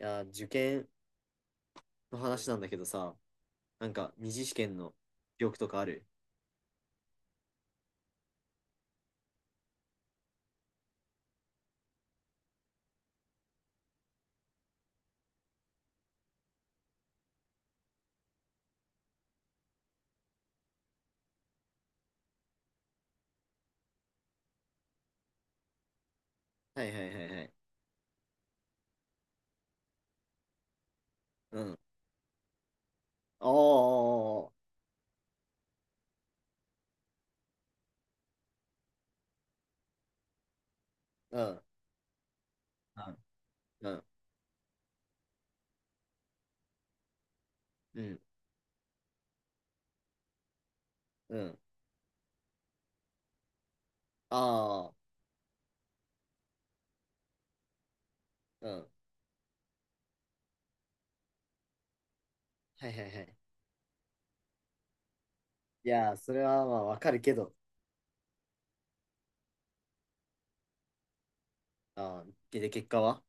いや、受験の話なんだけどさ、二次試験の記憶とかある？はいはいはいはい。うん。ああ。うん。うん。うん。うん。ああ。うん。はいはいはい。いやー、それはまあわかるけど。ああ、で、で結果は？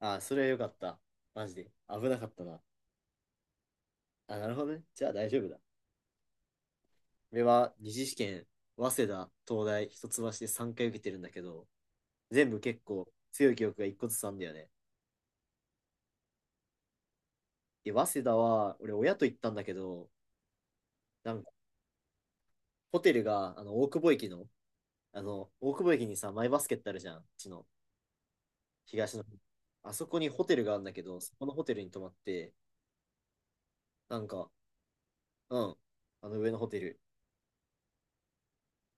ああ、それはよかった。マジで。危なかったな。あ、なるほどね。じゃあ大丈夫だ。俺は二次試験、早稲田、東大、一橋で3回受けてるんだけど、全部結構強い記憶が一個ずつあんだよね。で、早稲田は、俺、親と行ったんだけど、なんか、ホテルが、大久保駅の、大久保駅にさ、マイバスケってあるじゃん、うちの、東の。あそこにホテルがあるんだけど、そこのホテルに泊まって、なんか、うん、あの上のホテル。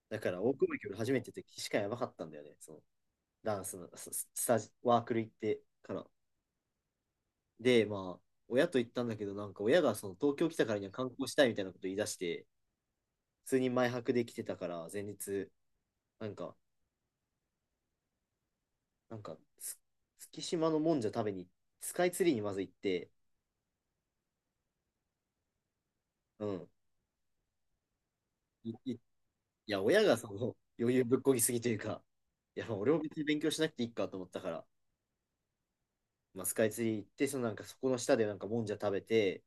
だから、大久保駅俺初めて行った時しかやばかったんだよね、その、ダンスの、スススタジ、ワークル行ってから。で、まあ、親と行ったんだけど、なんか、親がその、東京来たからには観光したいみたいなこと言い出して、普通に前泊で来てたから、前日、なんか、なんか、つ月島のもんじゃ食べに、スカイツリーにまず行って。うん。い、い、いや、親がその 余裕ぶっこぎすぎというか、いや、まあ俺も別に勉強しなくていいかと思ったから、まあ、スカイツリー行って、そのなんかそこの下でなんかもんじゃ食べて、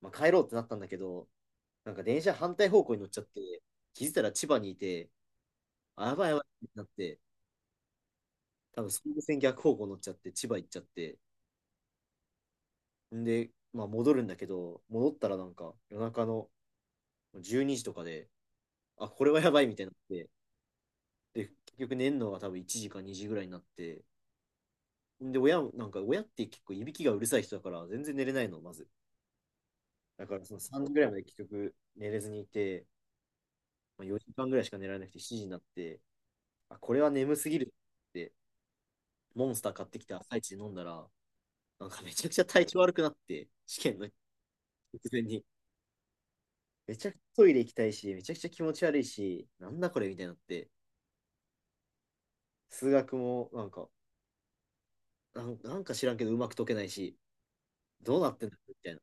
まあ、帰ろうってなったんだけど、なんか電車反対方向に乗っちゃって、気づいたら千葉にいて、あ、やばいやばいってなって、多分総武線逆方向乗っちゃって、千葉行っちゃって、んで、まあ戻るんだけど、戻ったらなんか夜中の12時とかで、あ、これはやばいみたいになって、で、結局寝るのが多分1時か2時ぐらいになって、で、親も、なんか親って結構いびきがうるさい人だから、全然寝れないの、まず。だからその3時ぐらいまで結局寝れずにいて、まあ、4時間ぐらいしか寝られなくて7時になって、あ、これは眠すぎるって、モンスター買ってきて朝一で飲んだら、なんかめちゃくちゃ体調悪くなって、試験の直前に。めちゃくちゃトイレ行きたいし、めちゃくちゃ気持ち悪いし、なんだこれみたいになって、数学もなんか、なんなんか知らんけどうまく解けないし、どうなってんだみたいな。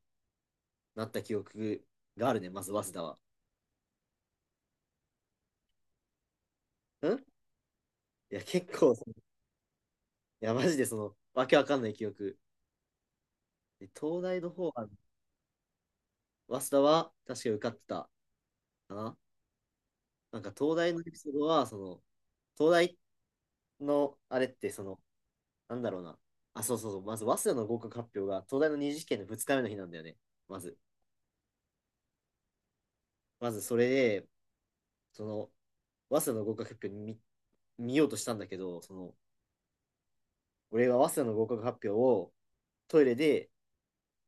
なった記憶があるね、まず早稲田は。ん、いや、結構、いや、マジでその、わけわかんない記憶。で東大の方は、早稲田は確かに受かってたかな。なんか東大のエピソードは、その、東大のあれって、その、なんだろうな。あ、そうそうそう、まず早稲田の合格発表が、東大の二次試験の2日目の日なんだよね。まず。まずそれで、その、早稲田の合格発表に見ようとしたんだけど、その、俺が早稲田の合格発表をトイレで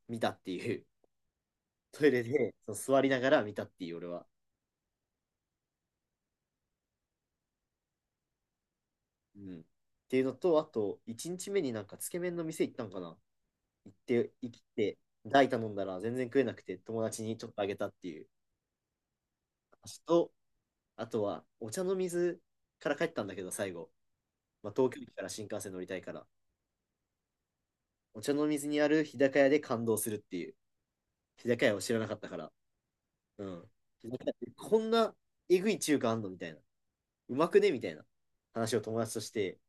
見たっていう、トイレでそう座りながら見たっていう、俺は。うん。っていうのと、あと、1日目になんかつけ麺の店行ったんかな。行って、大頼んだら全然食えなくて、友達にちょっとあげたっていう話と、あとは、お茶の水から帰ったんだけど、最後。まあ、東京駅から新幹線乗りたいから。お茶の水にある日高屋で感動するっていう。日高屋を知らなかったから。うん。日高屋ってこんなえぐい中華あんのみたいな。うまくねみたいな話を友達として、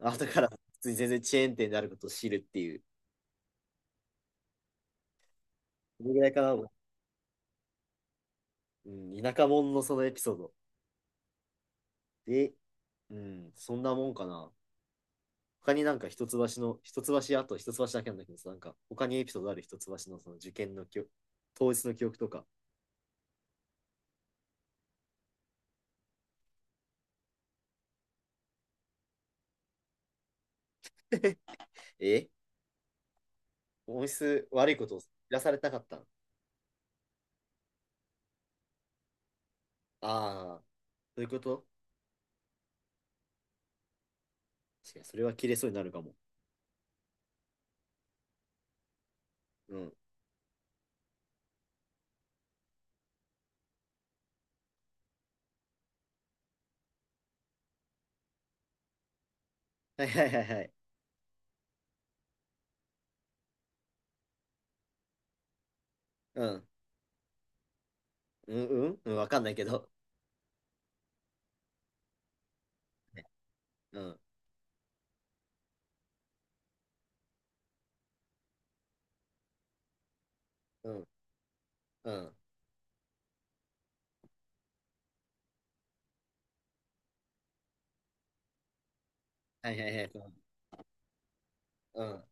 あ、だから、普通に全然チェーン店であることを知るっていう。それぐらいかな。うん、田舎者のそのエピソード。で、うん、そんなもんかな。他になんか一橋の、あと一橋だけなんだけどさ、なんか他にエピソードある？一橋のその受験の記憶、当日の記憶とか。え、音質悪いことを知らされたかったの？ああー、そういうこと。確かにそれは切れそうになるかも。うん。はいはいはいはい。うん。うん、うん、うん、わかんないけど。うん、うん、うん。はいはいはい。うん、うん。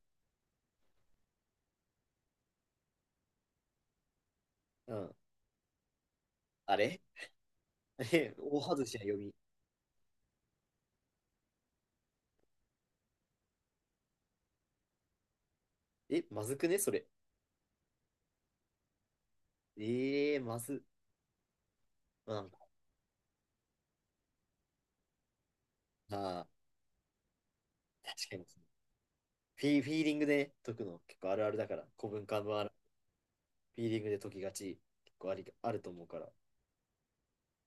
うん。あれ？え、大外しな読み。え、まずくね、それ。ええまず。まあ、なんか、あー、確かにそう。フィーリングで解くの結構あるあるだから、古文漢文ある。フィーリングで解きがち、結構あり、あると思うから。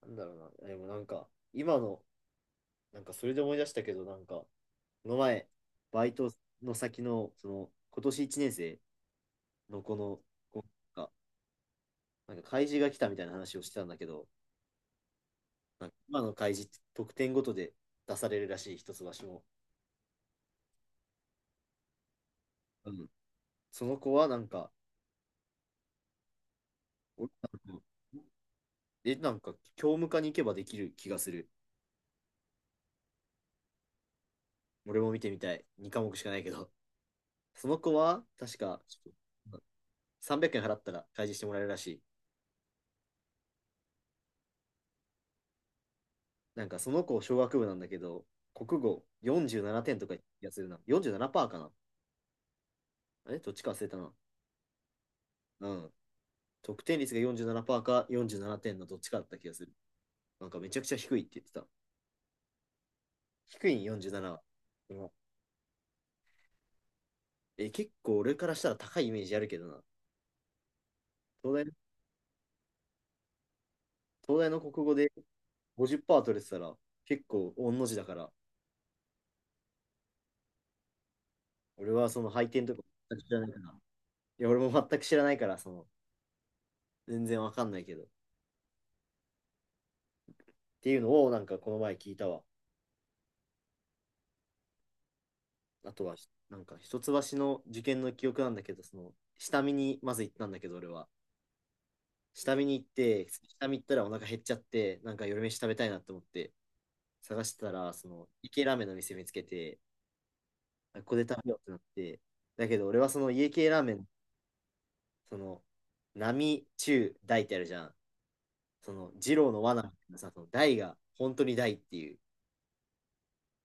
なんだろうな。でもなんか、今の、なんかそれで思い出したけど、なんか、この前、バイトの先の、その、今年1年生の子が、なんか開示が来たみたいな話をしてたんだけど、なんか今の開示って得点ごとで出されるらしい、一橋も。うん、その子はなんか、俺、なんか、え、なんか、教務課に行けばできる気がする。俺も見てみたい。2科目しかないけど。その子は、確か、300円払ったら開示してもらえるらしい。なんか、その子、小学部なんだけど、国語47点とかやつるな。47%かな、あれどっちか忘れたな。うん。得点率が47%か47点のどっちかだった気がする。なんか、めちゃくちゃ低いって言ってた。低いん47は。うん。え、結構俺からしたら高いイメージあるけどな。東大、東大の国語で50%取れてたら結構御の字だから、俺はその配点とか全く知らないから、いや、俺も全く知らないから、その、全然わかんないけど。っていうのをなんかこの前聞いたわ。あとは、なんか一橋の受験の記憶なんだけど、その、下見にまず行ったんだけど、俺は。下見に行って、下見行ったらお腹減っちゃって、なんか夜飯食べたいなって思って、探してたら、その、家系ラーメンの店見つけて、あここで食べようってなって、だけど俺はその家系ラーメン、その、並中大ってあるじゃん。その、二郎の罠みたいなさ、その大が本当に大っていう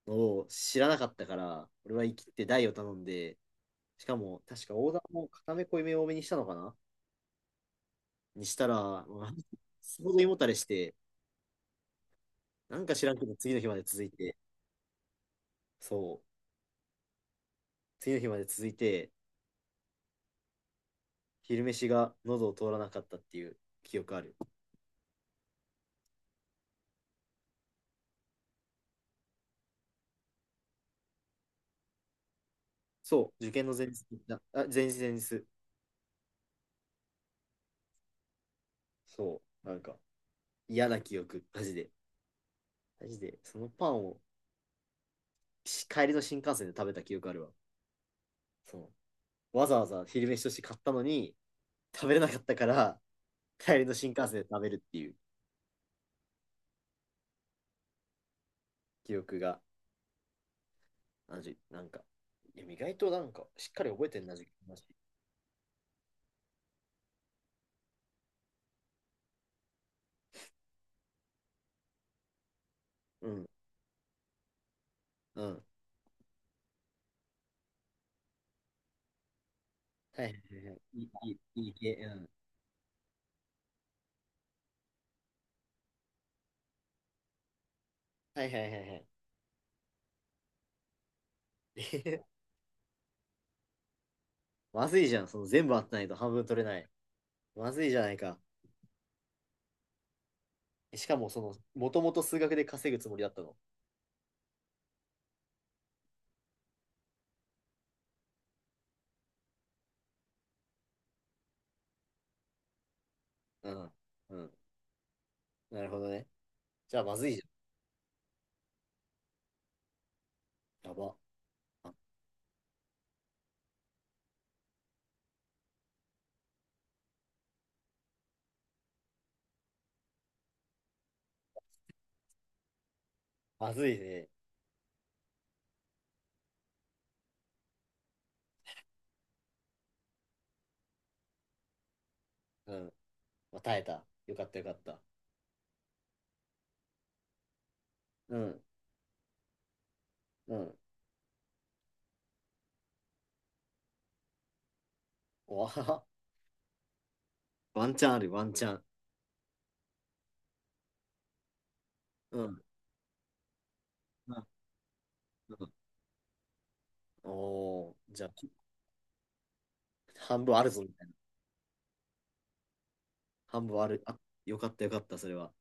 のを知らなかったから、俺は生きて大を頼んで、しかも、確かオーダーも固め濃いめ多めにしたのかな、にしたら、もうすほど胃もたれして、なんか知らんけど次の日まで続いて、そう、次の日まで続いて、昼飯が喉を通らなかったっていう記憶ある。そう、受験の前日だ、あ、前日前日。そう、なんか嫌な記憶、マジで。マジで、そのパンをし帰りの新幹線で食べた記憶あるわ。そう。わざわざ昼飯として買ったのに、食べれなかったから、帰りの新幹線で食べるっていう記憶が、あのじなんか、いや意外となんか、しっかり覚えてんな、自分の話。うん、うん。はいはいはいはい。系、うん。はいはいはいはい。まずいじゃん、その全部あってないと半分取れない。まずいじゃないか。しかも、その、もともと数学で稼ぐつもりだったの。うん。うん。なるほどね。じゃあ、まずいじゃん。やば。あ、まずいね。うん。まあ、耐えた。よかったよかった。うん。うん。わあ、ワンチャンある、ワンチャン。うん。うん。うん。お。お、じゃあ、半分あるぞ、みたいな。半分ある。あ、よかった、よかった、それは。